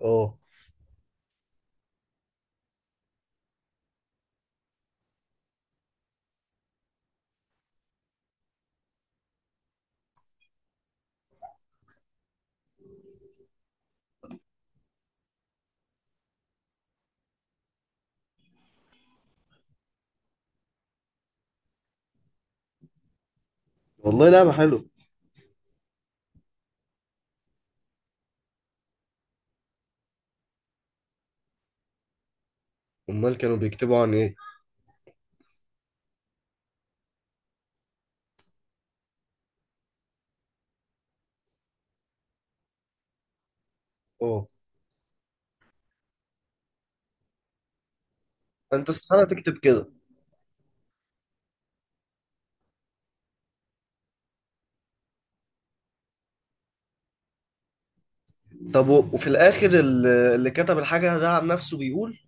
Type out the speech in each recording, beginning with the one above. اه، والله لعبة حلوة. امال كانوا بيكتبوا عن ايه؟ اه، انت استحالة تكتب كده. طب وفي الاخر اللي كتب الحاجة ده عن نفسه بيقول.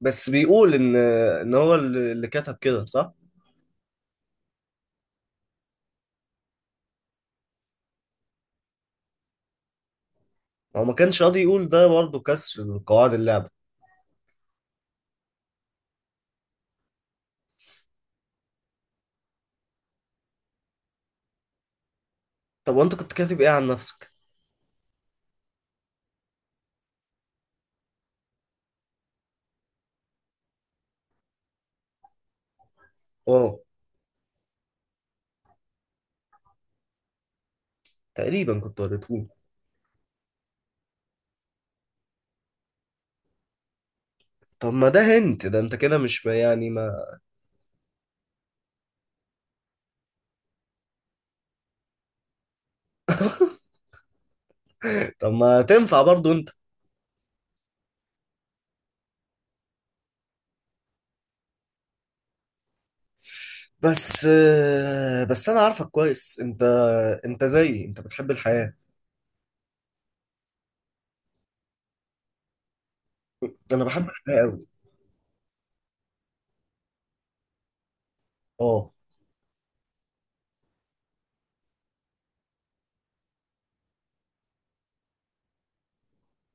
بس بيقول ان هو اللي كتب كده، صح؟ هو ما كانش راضي يقول ده، برضه كسر لقواعد اللعبة. طب وانت كنت كاتب ايه عن نفسك؟ اه، تقريبا كنت قريته. طب ما ده هنت ده انت كده مش يعني ما. طب ما تنفع برضه انت؟ بس انا عارفك كويس انت، انت زيي، انت بتحب الحياة. انا بحب الحياة قوي. اه،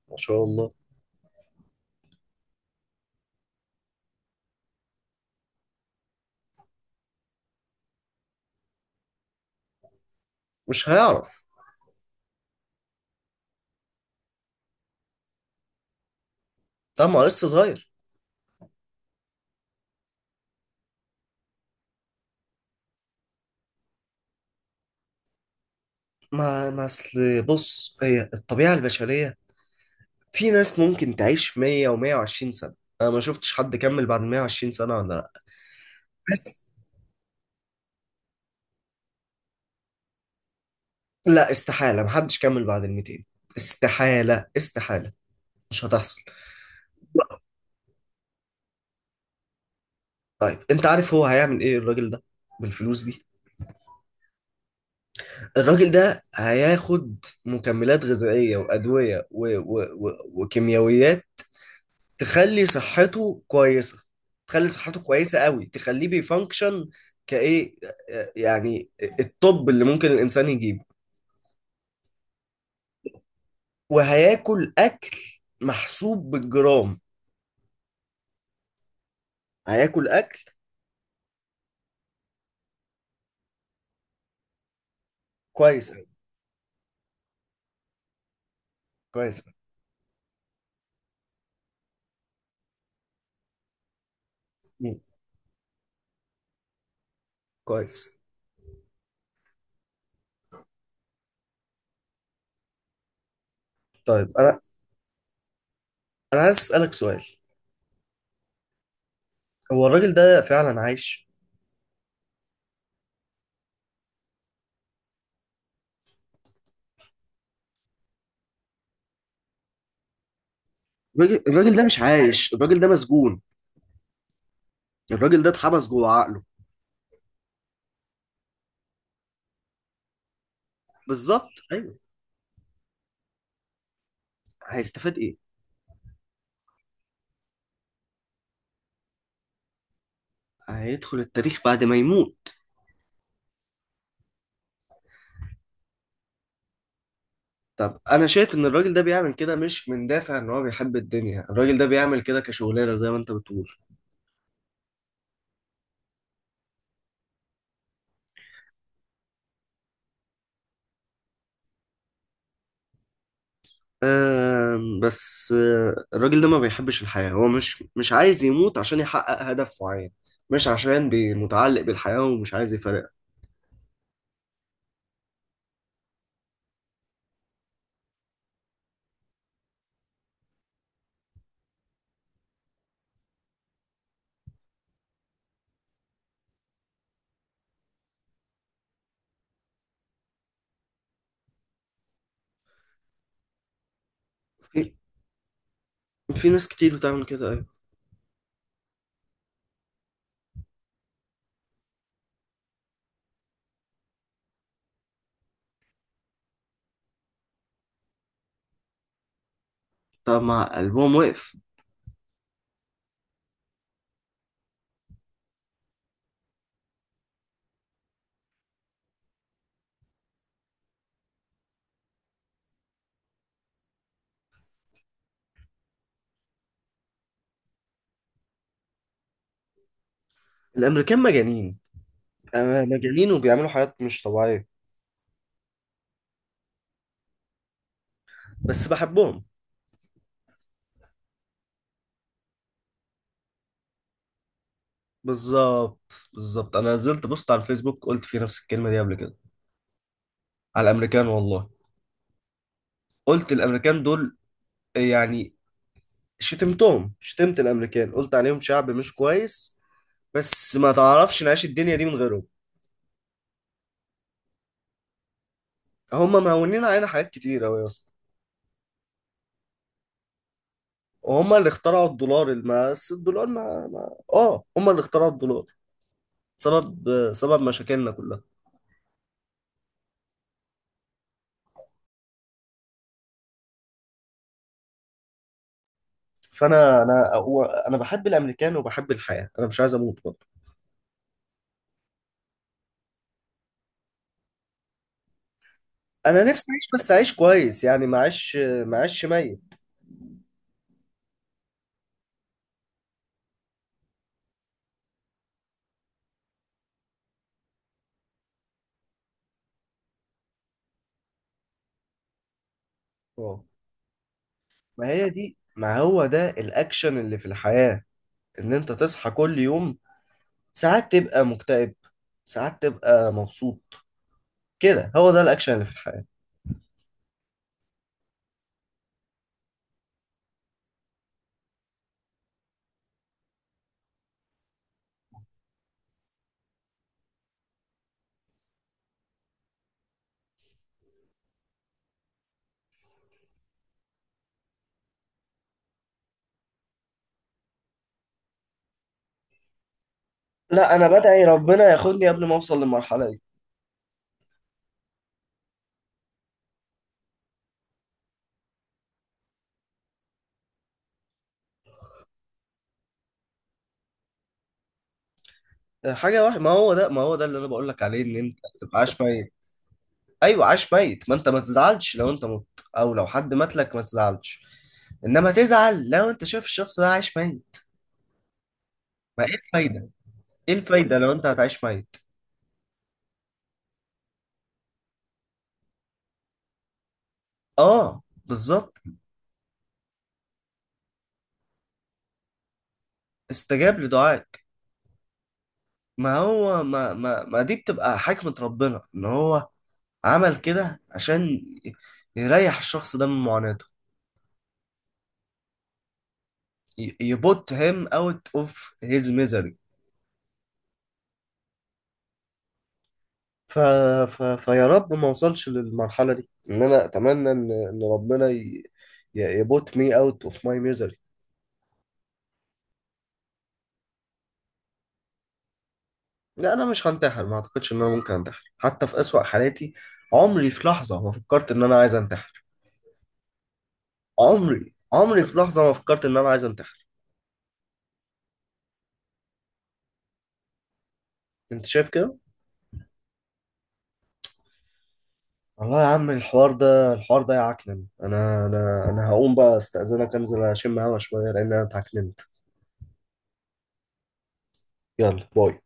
ما شاء الله. مش هيعرف. طبعا لسه صغير. ما اصل بص، هي الطبيعة البشرية، في ناس ممكن تعيش 100 و120 سنة. انا ما شفتش حد كمل بعد 120 سنة ولا لا. بس لا، استحالة محدش كمل بعد ال 200. استحالة استحالة، مش هتحصل. طيب انت عارف هو هيعمل ايه الراجل ده بالفلوس دي؟ الراجل ده هياخد مكملات غذائية وأدوية وكيميائيات. تخلي صحته كويسه، تخلي صحته كويسه قوي، تخليه بيفانكشن، كايه، يعني الطب اللي ممكن الانسان يجيبه. وهياكل اكل محسوب بالجرام، هياكل اكل. كويس أوي. كويس أوي. مم. كويس. طيب انا عايز اسالك سؤال. هو الراجل ده فعلا عايش؟ الراجل ده مش عايش، الراجل ده مسجون، الراجل ده اتحبس جوه عقله. بالظبط، ايوه. هيستفاد ايه؟ هيدخل التاريخ بعد ما يموت. طب انا شايف ان الراجل ده بيعمل كده مش من دافع ان هو بيحب الدنيا، الراجل ده بيعمل كده كشغلانه زي ما انت بتقول. بس الراجل ده ما بيحبش الحياه، هو مش عايز يموت عشان يحقق هدف معين، مش عشان متعلق بالحياه ومش عايز يفارقها. في في ناس كتير بتعمل كده، ايوه. طب ما قلبهم وقف. الامريكان مجانين، مجانين وبيعملوا حاجات مش طبيعيه، بس بحبهم. بالظبط. بالظبط، انا نزلت بوست على الفيسبوك قلت فيه نفس الكلمه دي قبل كده، على الامريكان والله. قلت الامريكان دول، يعني شتمتهم، شتمت الامريكان، قلت عليهم شعب مش كويس، بس ما تعرفش نعيش الدنيا دي من غيرهم. هم مهونين علينا حاجات كتير أوي يا اسطى. وهم اللي اخترعوا الدولار. بس الدولار ما هم اللي اخترعوا الدولار. سبب مشاكلنا كلها. انا بحب الامريكان وبحب الحياه، انا مش عايز اموت برضه. انا نفسي اعيش، بس اعيش كويس، يعني ما اعيش ميت. اه، ما هي دي ما هو ده الاكشن اللي في الحياه، ان انت تصحى كل يوم، ساعات تبقى مكتئب، ساعات تبقى مبسوط، كده هو ده الاكشن اللي في الحياة. لا، انا بدعي ربنا ياخدني قبل ما اوصل للمرحلة دي. حاجة واحدة، ما هو ده اللي انا بقول لك عليه، ان انت تبقى عاش ميت. ايوه، عاش ميت. ما انت ما تزعلش لو انت مت، او لو حد مات لك ما تزعلش، انما تزعل لو انت شايف الشخص ده عايش ميت. ما ايه الفايدة ايه الفايدة لو انت هتعيش ميت؟ اه، بالظبط. استجاب لدعائك. ما هو ما ما ما دي بتبقى حكمة ربنا، ان هو عمل كده عشان يريح الشخص ده من معاناته. يبوت him out of his misery. ف... فيا رب ما اوصلش للمرحلة دي، ان انا اتمنى ان ربنا يبوت me out of my misery. لا، انا مش هنتحر، ما اعتقدش ان انا ممكن انتحر حتى في اسوأ حالاتي. عمري في لحظة ما فكرت ان انا عايز انتحر. عمري في لحظة ما فكرت ان انا عايز انتحر. انت شايف كده؟ والله يا عم، الحوار ده، يعكنن، انا هقوم بقى استأذنك، انزل اشم هوا شويه لان انا اتعكننت. يلا باي.